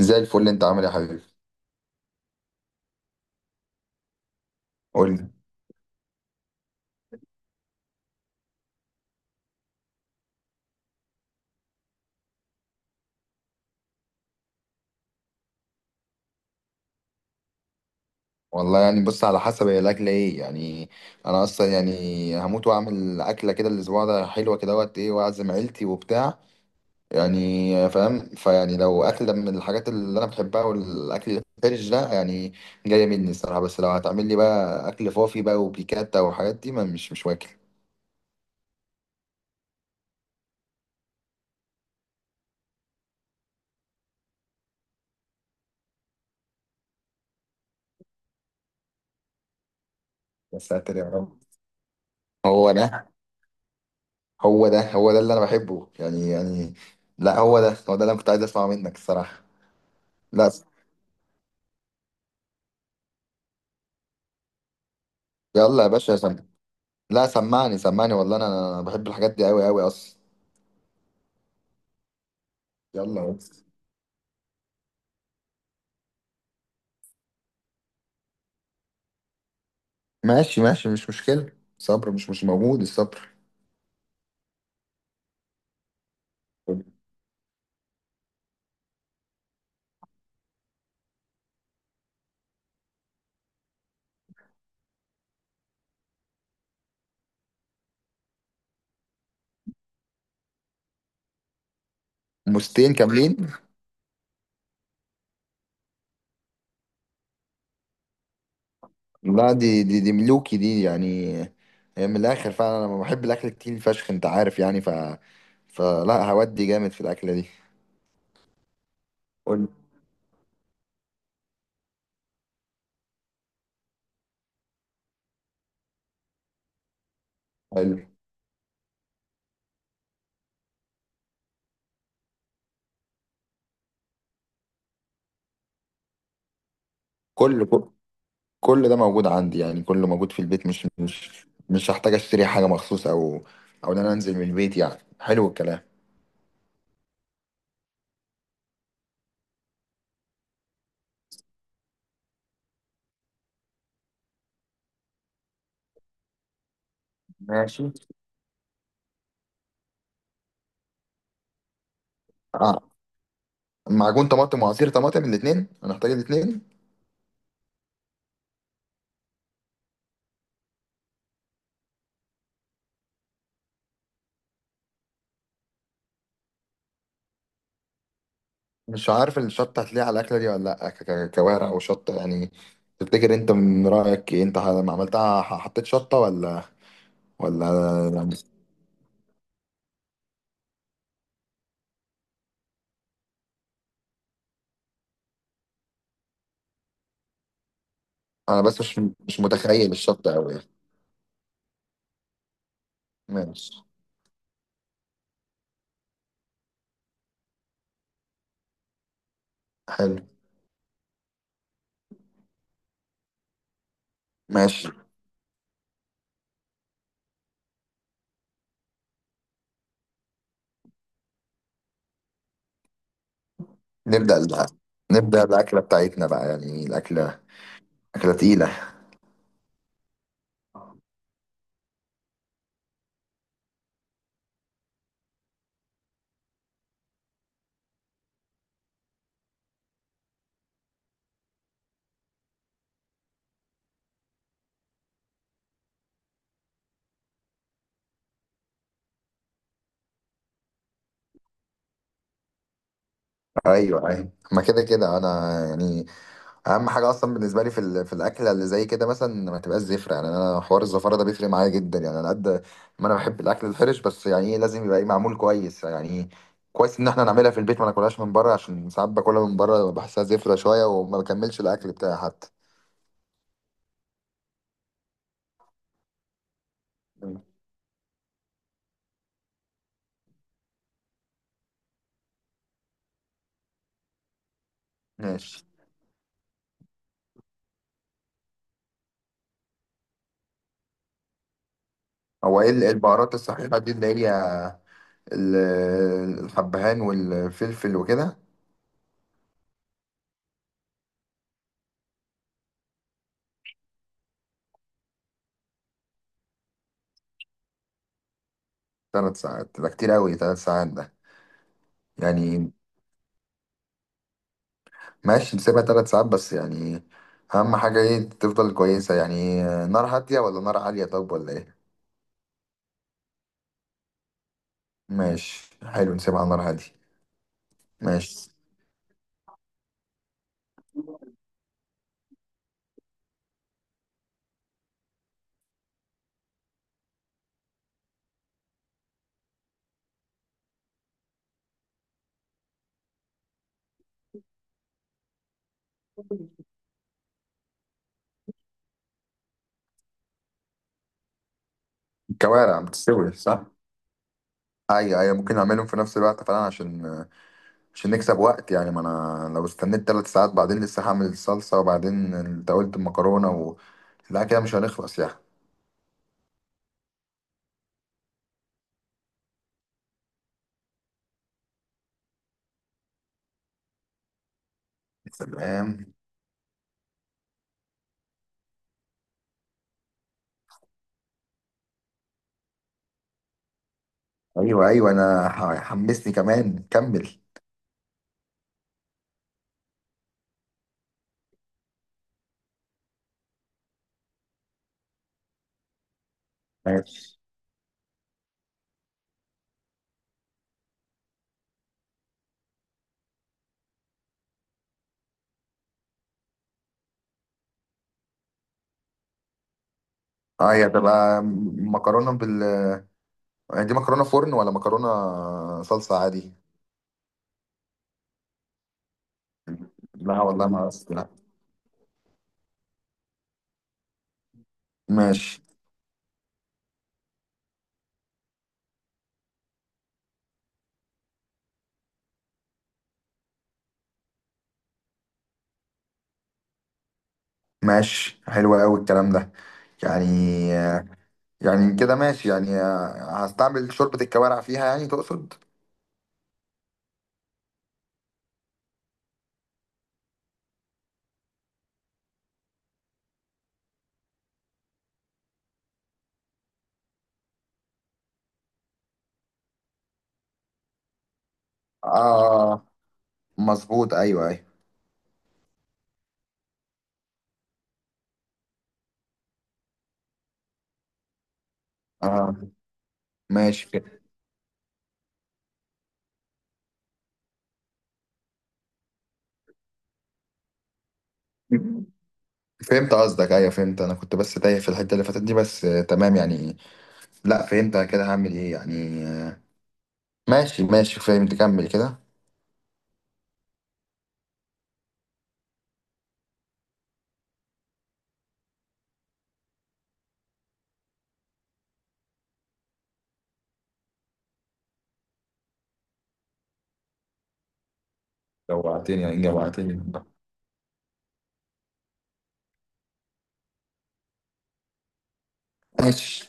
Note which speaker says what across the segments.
Speaker 1: زي الفل اللي انت عامل ايه يا حبيبي. قول لي. والله يعني، بص، على حسب هي الاكله ايه يعني. انا اصلا يعني هموت واعمل اكله كده الاسبوع ده، حلوه كده وقت ايه، واعزم عيلتي وبتاع. يعني فاهم، فيعني لو اكله من الحاجات اللي انا بحبها والاكل الفرش ده، يعني جايه مني الصراحه. بس لو هتعمل لي بقى اكل فوفي بقى وبيكاتا والحاجات دي، ما مش واكل. يا ساتر يا رب. هو ده هو ده اللي انا بحبه يعني. لا، هو ده اللي انا كنت عايز اسمعه منك الصراحه. لا. يلا يا باشا. لا، سمعني سمعني والله انا، أنا بحب الحاجات دي قوي قوي اصلا. يلا بس. ماشي ماشي، مش مشكلة. صبر، مش موجود الصبر. مستين كاملين. لا، دي ملوكي دي يعني، هي من الاخر. فعلا انا بحب الاكل كتير فشخ، انت عارف يعني. فلا، هودي جامد في الاكلة دي. قول. حلو. كل كل كل ده موجود عندي يعني، كله موجود في البيت، مش هحتاج اشتري حاجة مخصوص او ان انا انزل من البيت. يعني حلو الكلام. ماشي. معجون طماطم وعصير طماطم، الاثنين، هنحتاج الاثنين؟ مش عارف الشطه هتلاقي على الاكله دي ولا لا، كوارع او شطه يعني؟ تفتكر انت من رايك إيه؟ انت لما عملتها حطيت شطه ولا ولا يعني؟ انا بس مش متخيل الشطه قوي. ماشي حلو. ماشي. نبدا ال- نبدا الاكله بتاعتنا بقى، يعني الاكله اكله تقيله. ايوه ايوه، ما كده كده انا يعني. اهم حاجه اصلا بالنسبه لي في في الاكله اللي زي كده مثلا، ما تبقاش زفره. يعني انا حوار الزفاره ده بيفرق معايا جدا يعني، على قد ما انا بحب الاكل الحرش، بس يعني ايه، لازم يبقى ايه معمول كويس يعني إيه. كويس ان احنا نعملها في البيت ما ناكلهاش من بره، عشان ساعات باكلها من بره بحسها زفره شويه، وما بكملش الاكل بتاعي حتى. مم. ماشي. هو ايه إيه البهارات الصحيحه دي اللي هي ال- الحبهان والفلفل وكده؟ 3 ساعات ده كتير قوي، 3 ساعات ده يعني. ماشي، نسيبها 3 ساعات بس يعني. أهم حاجة إيه، تفضل كويسة يعني، نار هادية ولا نار عالية، طب ولا إيه؟ ماشي حلو، نسيبها على نار هادية. ماشي. الكوارع بتستوي صح؟ أيوة أيوة، ممكن أعملهم في نفس الوقت فعلا، عشان نكسب وقت يعني. ما أنا لو استنيت 3 ساعات بعدين لسه هعمل الصلصة، وبعدين أنت قلت المكرونة و... لا كده مش هنخلص يعني. تمام. أيوة أيوة أنا حمسني كمان، كمل. ماشي. أه هي هتبقى مكرونة بال، يعني دي مكرونه فرن ولا مكرونه صلصه عادي؟ لا والله ما لا. ماشي ماشي حلو قوي الكلام ده. يعني يعني كده ماشي يعني. هستعمل شوربه الكوارع فيها يعني، تقصد؟ اه مظبوط ايوه ايوه. اه ماشي كده. فهمت قصدك، ايوه فهمت. انا كنت بس تايه في الحته اللي فاتت دي بس، تمام يعني. لا فهمت، أنا كده هعمل ايه يعني. ماشي ماشي فهمت، كمل كده. جوعتني، يعني جوعتني والله. ماشي.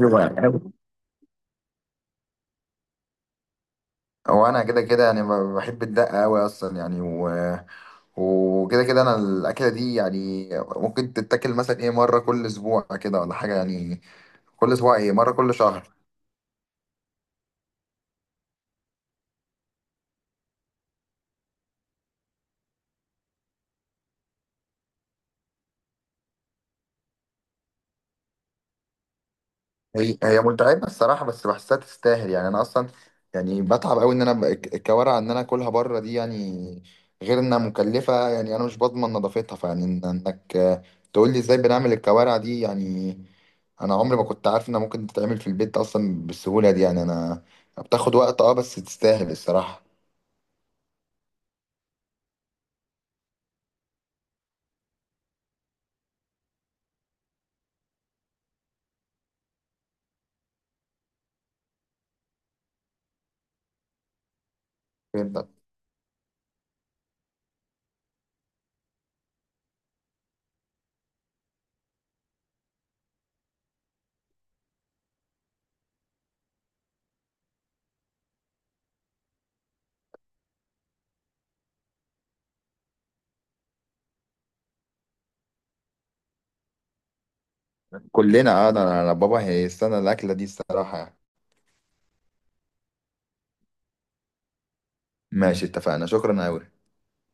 Speaker 1: أيوة. هو انا كده كده يعني بحب الدقه قوي اصلا يعني، و... وكده كده انا الاكله دي يعني ممكن تتاكل مثلا ايه مره كل اسبوع كده ولا حاجه يعني، كل اسبوع ايه، مره كل شهر. هي هي متعبة الصراحة، بس بحسها تستاهل يعني. أنا أصلا يعني بتعب أوي إن أنا الكوارع إن أنا آكلها بره دي يعني، غير إنها مكلفة. يعني أنا مش بضمن نظافتها، فيعني إنك، تقول لي إزاي بنعمل الكوارع دي يعني. أنا عمري ما كنت عارف إنها ممكن تتعمل في البيت أصلا بالسهولة دي يعني. أنا بتاخد وقت، بس تستاهل الصراحة. فهمتك. كلنا أنا بابا هيستنى الأكلة دي الصراحة يعني. ماشي اتفقنا، شكرا أوي.